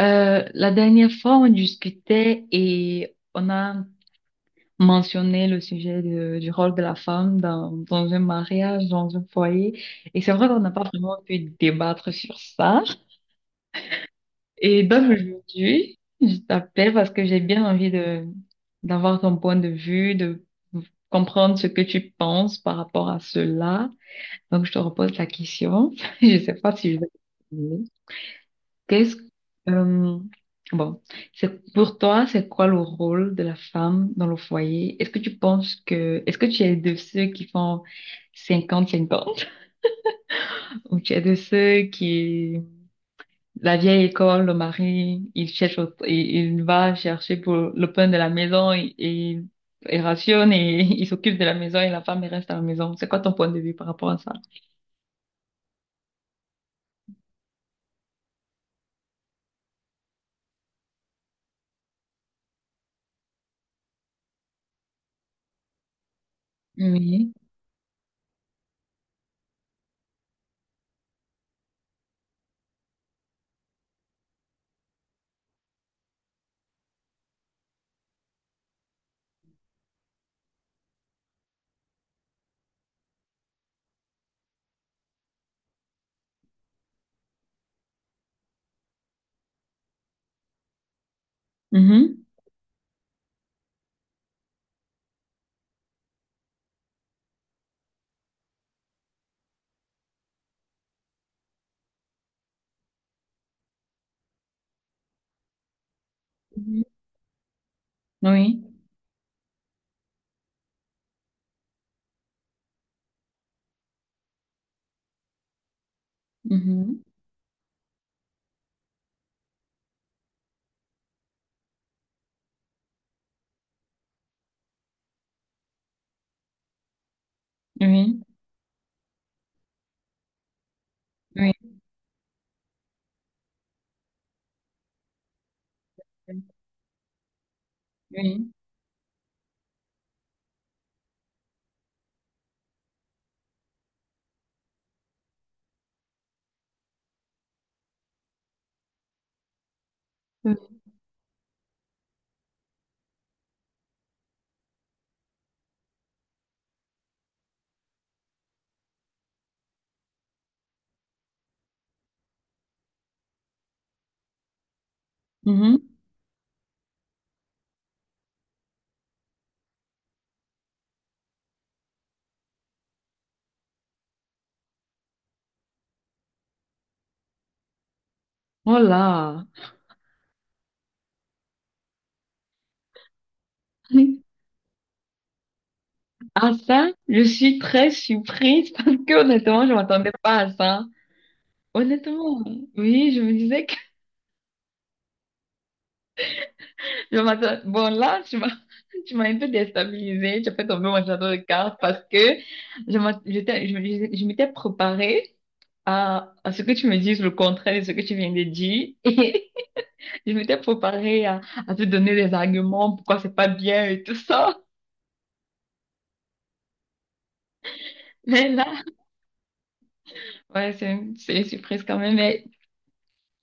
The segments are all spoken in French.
La dernière fois, on discutait et on a mentionné le sujet du rôle de la femme dans un mariage, dans un foyer. Et c'est vrai qu'on n'a pas vraiment pu débattre sur ça. Et donc aujourd'hui, je t'appelle parce que j'ai bien envie d'avoir ton point de vue, de comprendre ce que tu penses par rapport à cela. Donc je te repose la question. Je sais pas si je vais. Qu'est-ce, euh, bon, c'est pour toi, c'est quoi le rôle de la femme dans le foyer? Est-ce que tu penses que, est-ce que tu es de ceux qui font 50-50, ou tu es de ceux qui, la vieille école, le mari, il cherche, il va chercher pour le pain de la maison et il rationne et il s'occupe de la maison et la femme elle reste à la maison. C'est quoi ton point de vue par rapport à ça? Oui. Mhm. Mhm. Oui. Mhm. Oui. Oui. Oui. Mhm. Oh là. À ça, je suis très surprise, parce que honnêtement, je m'attendais pas à ça. Honnêtement, oui, je me disais que je m'attendais. Bon, là, tu m'as, tu m'as un peu déstabilisée. Tu as fait tomber mon château de cartes parce que je m'att- j'étais- je, me- je m'étais préparée à ce que tu me dises le contraire de ce que tu viens de dire. Et je m'étais préparée à te donner des arguments pourquoi c'est pas bien et tout ça. Mais là, ouais, c'est une surprise quand même.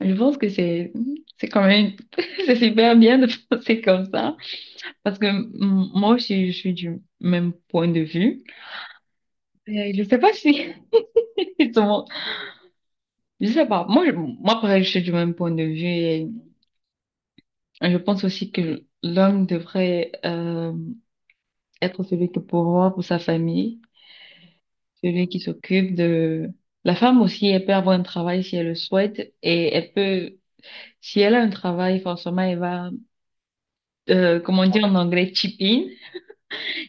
Je pense que c'est quand même c'est super bien de penser comme ça parce que moi aussi je suis du même point de vue. Je sais pas si justement, je sais pas, moi pareil, je suis du même point de vue et je pense aussi que l'homme devrait être celui qui pourvoit pour sa famille, celui qui s'occupe de la femme aussi, elle peut avoir un travail si elle le souhaite, et elle peut, si elle a un travail, forcément elle va, comment dire en anglais, chip in.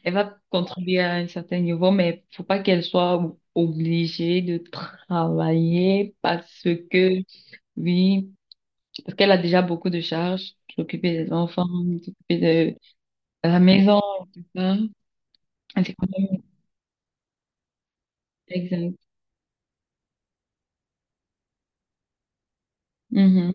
Elle va contribuer à un certain niveau, mais faut pas qu'elle soit o- obligée de travailler parce que, oui, parce qu'elle a déjà beaucoup de charges, s'occuper des enfants, s'occuper de la maison, hein. C'est quand même exact. Mhm.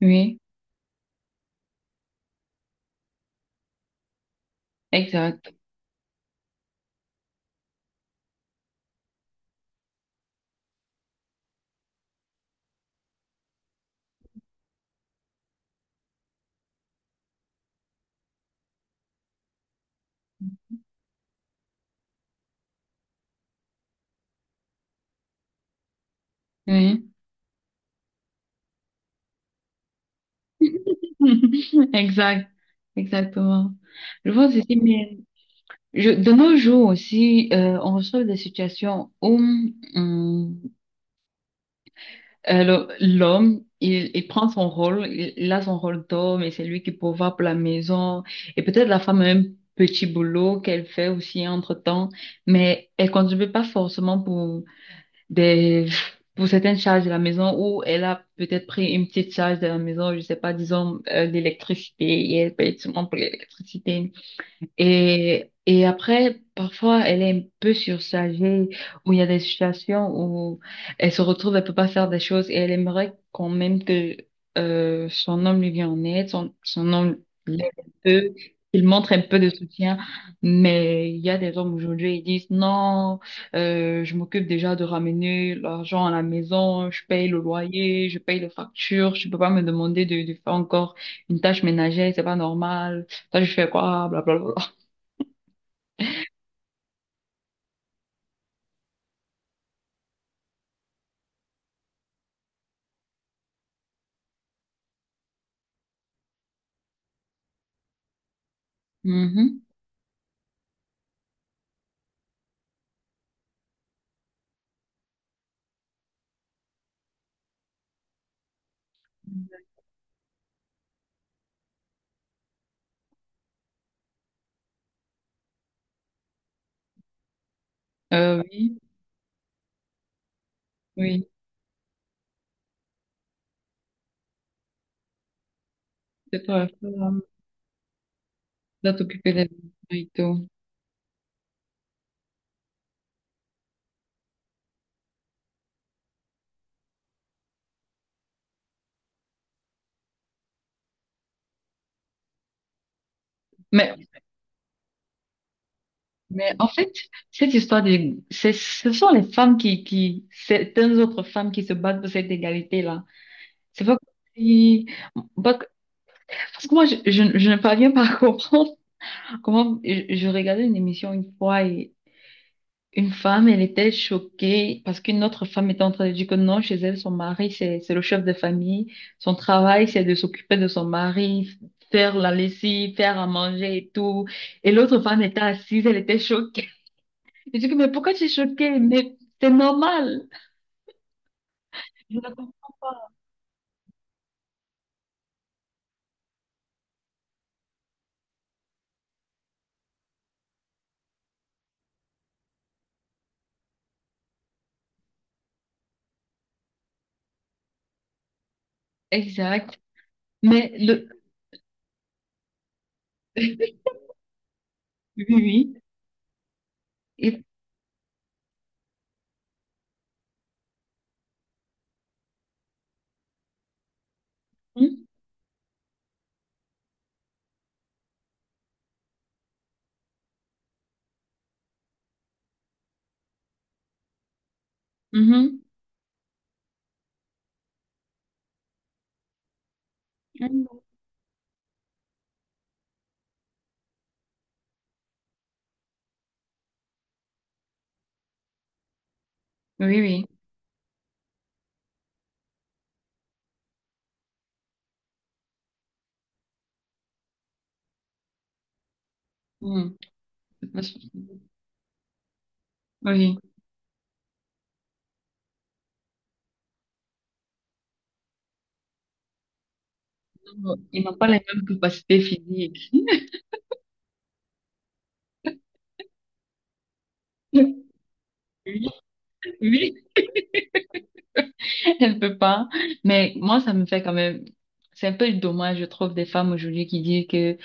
Oui, exact. Oui. Exact. Exactement. Je vois ceci, mais je, de nos jours aussi, on reçoit des situations où, alors, l'homme, il prend son rôle, il a son rôle d'homme et c'est lui qui pourvoit pour la maison. Et peut-être la femme a un petit boulot qu'elle fait aussi entre-temps, mais elle contribue pas forcément pour des, pour certaines charges de la maison, ou elle a peut-être pris une petite charge de la maison, je sais pas, disons, l'électricité, et elle paye seulement pour l'électricité. Et après, parfois, elle est un peu surchargée, où il y a des situations où elle se retrouve, elle peut pas faire des choses et elle aimerait quand même que son homme lui vienne en aide, son homme l'aide un peu, qu'il montre un peu de soutien. Mais il y a des hommes aujourd'hui, ils disent non, je m'occupe déjà de ramener l'argent à la maison, je paye le loyer, je paye les factures, je peux pas me demander de faire encore une tâche ménagère, c'est pas normal. Ça, je fais quoi, blablabla. Mhm. Oui, oui, c'est toi, toi, là, t'occuper des enfants et tout. Mais, mais en fait, cette histoire de, c'est, ce sont les femmes certaines autres femmes qui se battent pour cette égalité-là. C'est pas comme si- pas que- parce que moi, je ne parviens pas à comprendre je regardais une émission une fois. Une femme, elle était choquée parce qu'une autre femme était en train de dire que non, chez elle, son mari, c'est le chef de famille. Son travail, c'est de s'occuper de son mari, faire la lessive, faire à manger et tout. Et l'autre femme était assise, elle était choquée. Je dis, que, mais pourquoi tu es choquée? Mais c'est normal. Je la comprends. Exact. Mais le, oui, oui. Et- Mhm. Mhm. Oui, oui. Mhm. Oui. Ils n'ont pas les mêmes capacités physiques. Oui, oui. Elle peut pas. Mais moi, ça me fait quand même. C'est un peu dommage, je trouve, des femmes aujourd'hui qui disent que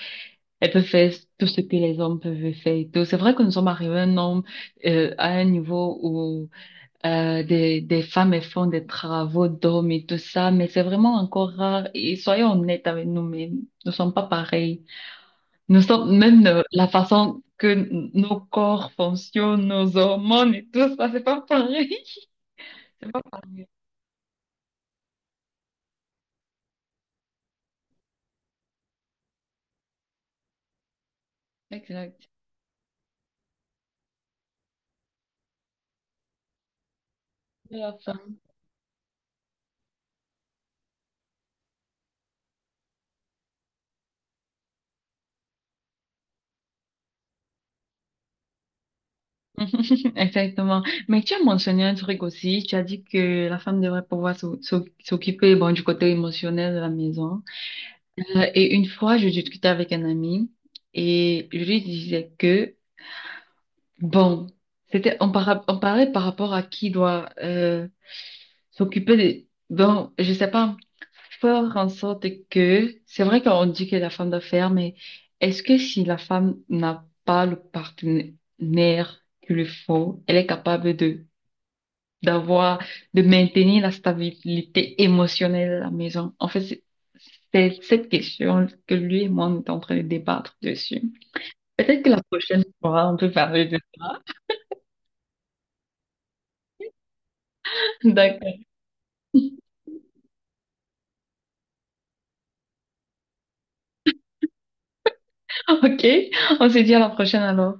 elles peuvent faire tout ce que les hommes peuvent faire et tout. C'est vrai que nous sommes arrivés à un homme, à un niveau où des femmes elles font des travaux d'hommes et tout ça, mais c'est vraiment encore rare. Et soyons honnêtes avec nous-mêmes, nous ne sommes pas pareils. Nous sommes même, la façon que n- nos corps fonctionnent, nos hormones et tout ça, c'est pas pareil. C'est pas pareil. Exact. Exactement. Mais tu as mentionné un truc aussi. Tu as dit que la femme devrait pouvoir s'occuper, bon, du côté émotionnel de la maison. Et une fois, je discutais avec un ami et je lui disais que, bon, on parlait par rapport à qui doit s'occuper des, bon, je sais pas, faire en sorte que, c'est vrai qu'on dit que la femme doit faire, mais est-ce que si la femme n'a pas le partenaire qu'il lui faut, elle est capable de d'avoir, de maintenir la stabilité émotionnelle à la maison? En fait, c'est cette question que lui et moi, on est en train de débattre dessus. Peut-être que la prochaine fois, on peut parler de ça. D'accord. OK. On se dit à la prochaine alors.